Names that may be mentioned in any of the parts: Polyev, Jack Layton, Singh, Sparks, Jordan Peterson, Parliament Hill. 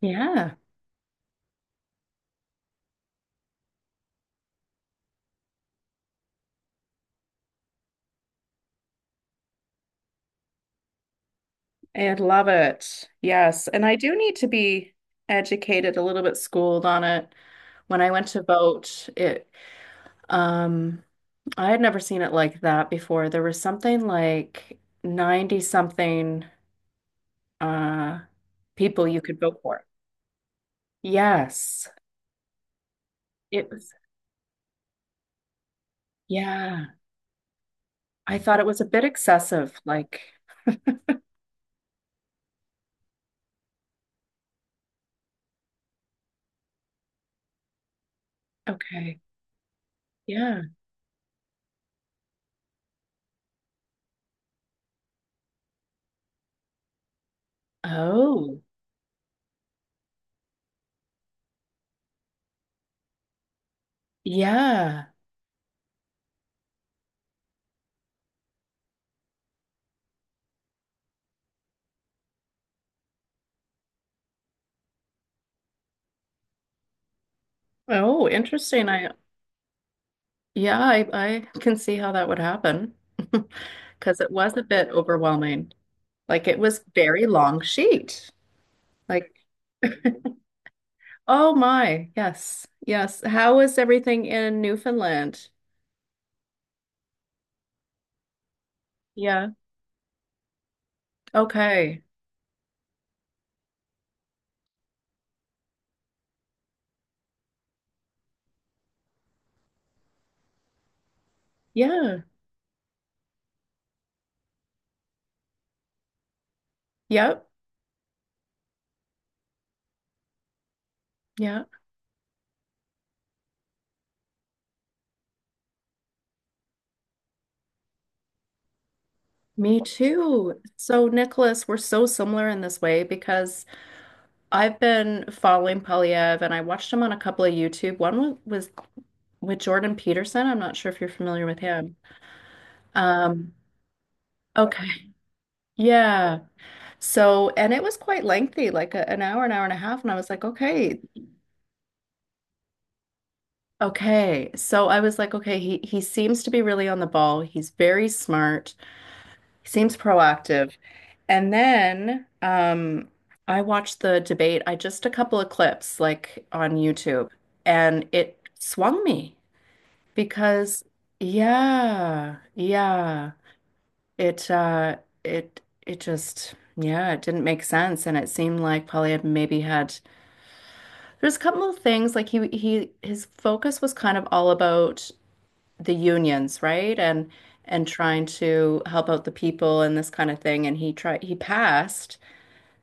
Yeah, I love it. Yes. And I do need to be educated, a little bit schooled on it. When I went to vote, it um I had never seen it like that before. There was something like 90 something uh people you could vote for. Yes. It was, yeah. I thought it was a bit excessive. Like, okay. Yeah. Oh. Yeah. Oh, interesting. I Yeah, I can see how that would happen because it was a bit overwhelming. Like it was very long sheet. Like, oh my, yes, yes. How is everything in Newfoundland? Yeah. Okay. Yeah. Yep. Yeah. Me too. So, Nicholas, we're so similar in this way because I've been following Polyev and I watched him on a couple of YouTube. One was with Jordan Peterson. I'm not sure if you're familiar with him. Um, okay. Yeah. So, and it was quite lengthy, like an hour and a half. And I was like, okay, okay. So I was like, okay, he seems to be really on the ball. He's very smart. He seems proactive. And then I watched the debate. I just a couple of clips like on YouTube, and it swung me because yeah, yeah, it uh, it just, yeah, it didn't make sense, and it seemed like Polly had maybe had. There's a couple of things like he his focus was kind of all about the unions, right? And trying to help out the people and this kind of thing. And he passed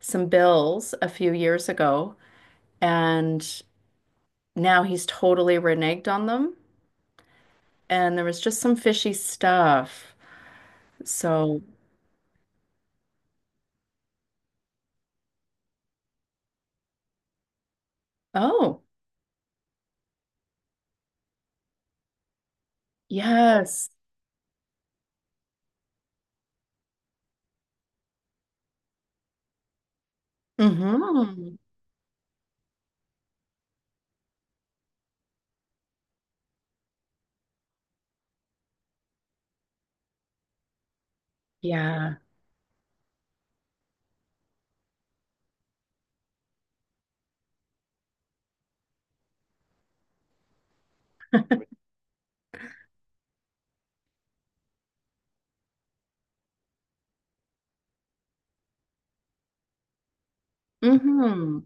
some bills a few years ago, and now he's totally reneged on them. And there was just some fishy stuff. So, oh, yes. Mm-hmm. Yeah. Mm-hmm.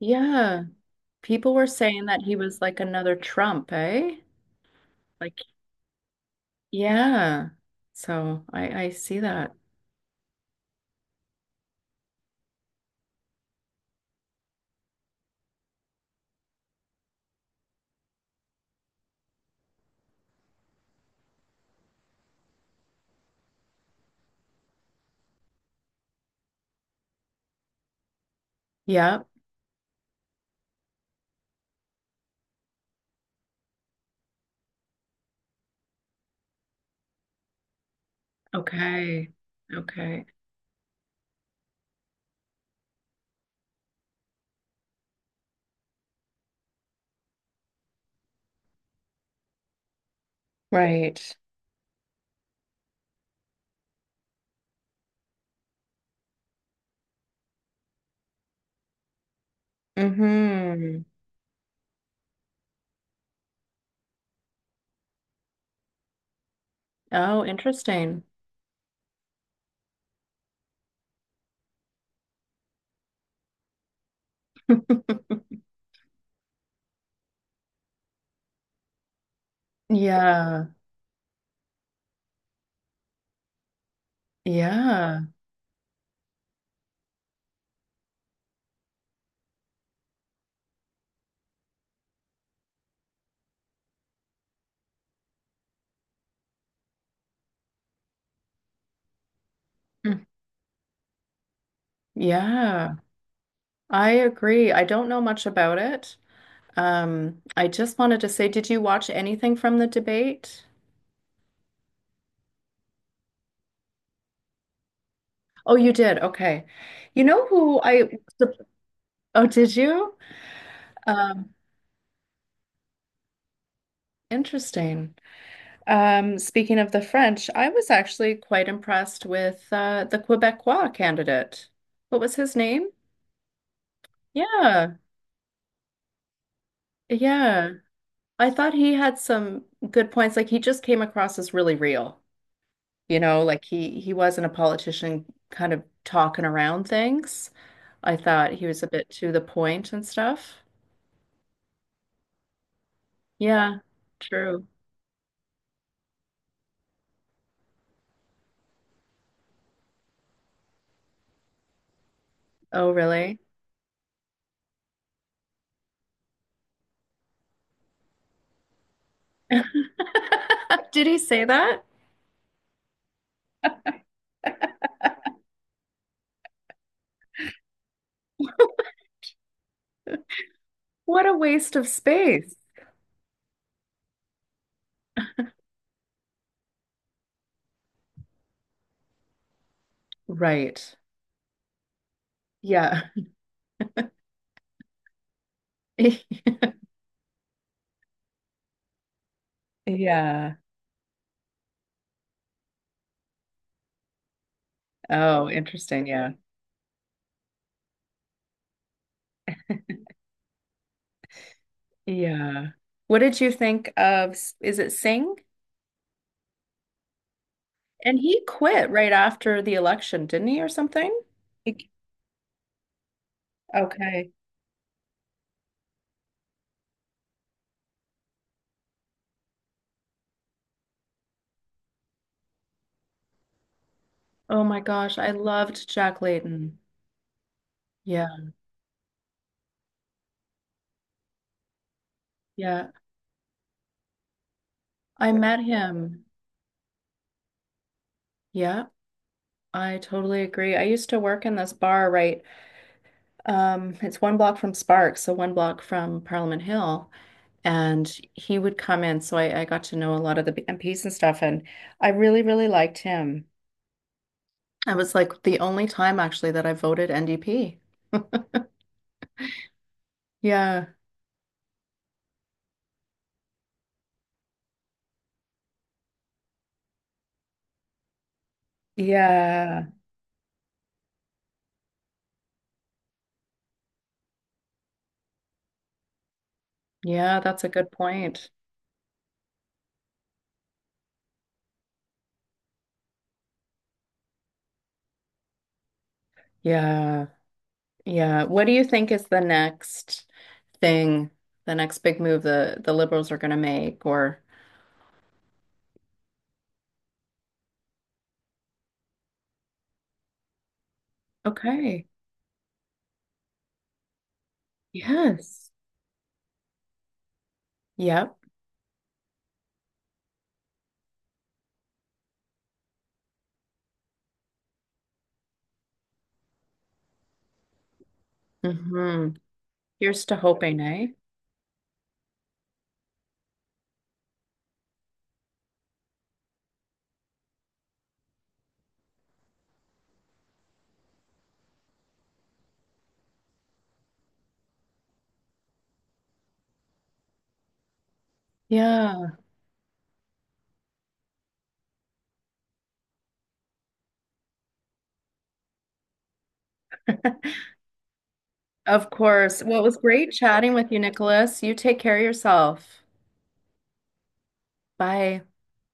Yeah. People were saying that he was like another Trump, eh? Like. Yeah. So I see that. Yep. Okay. Okay. Right. Mm-hmm. Oh, interesting. Yeah. Yeah. Mm. Yeah. I agree. I don't know much about it. I just wanted to say, did you watch anything from the debate? Oh, you did. Okay. You know who I, oh, did you? Um, Interesting. Speaking of the French, I was actually quite impressed with the Quebecois candidate. What was his name? Yeah, yeah. I thought he had some good points. Like he just came across as really real, like he wasn't a politician kind of talking around things. I thought he was a bit to the point and stuff. Yeah, true. Oh, really? Did he say that? What a waste of space. Right. Yeah. Yeah. Oh, interesting. Yeah. Yeah. What did you think of, is it Singh? And he quit right after the election, didn't he, or something? He- Okay. Oh my gosh, I loved Jack Layton. Yeah, yeah. I met him. Yeah, I totally agree. I used to work in this bar, right? It's one block from Sparks, so one block from Parliament Hill. And he would come in, so I got to know a lot of the MPs and stuff, and I really, really liked him. I was like the only time actually that I voted NDP. Yeah. Yeah. Yeah, that's a good point. Yeah. Yeah. What do you think is the next thing, the next big move the liberals are going to make or. Okay. Yes. Yep. Hmm. Here's to hoping, eh? Yeah. Of course. Well, it was great chatting with you, Nicholas. You take care of yourself. Bye.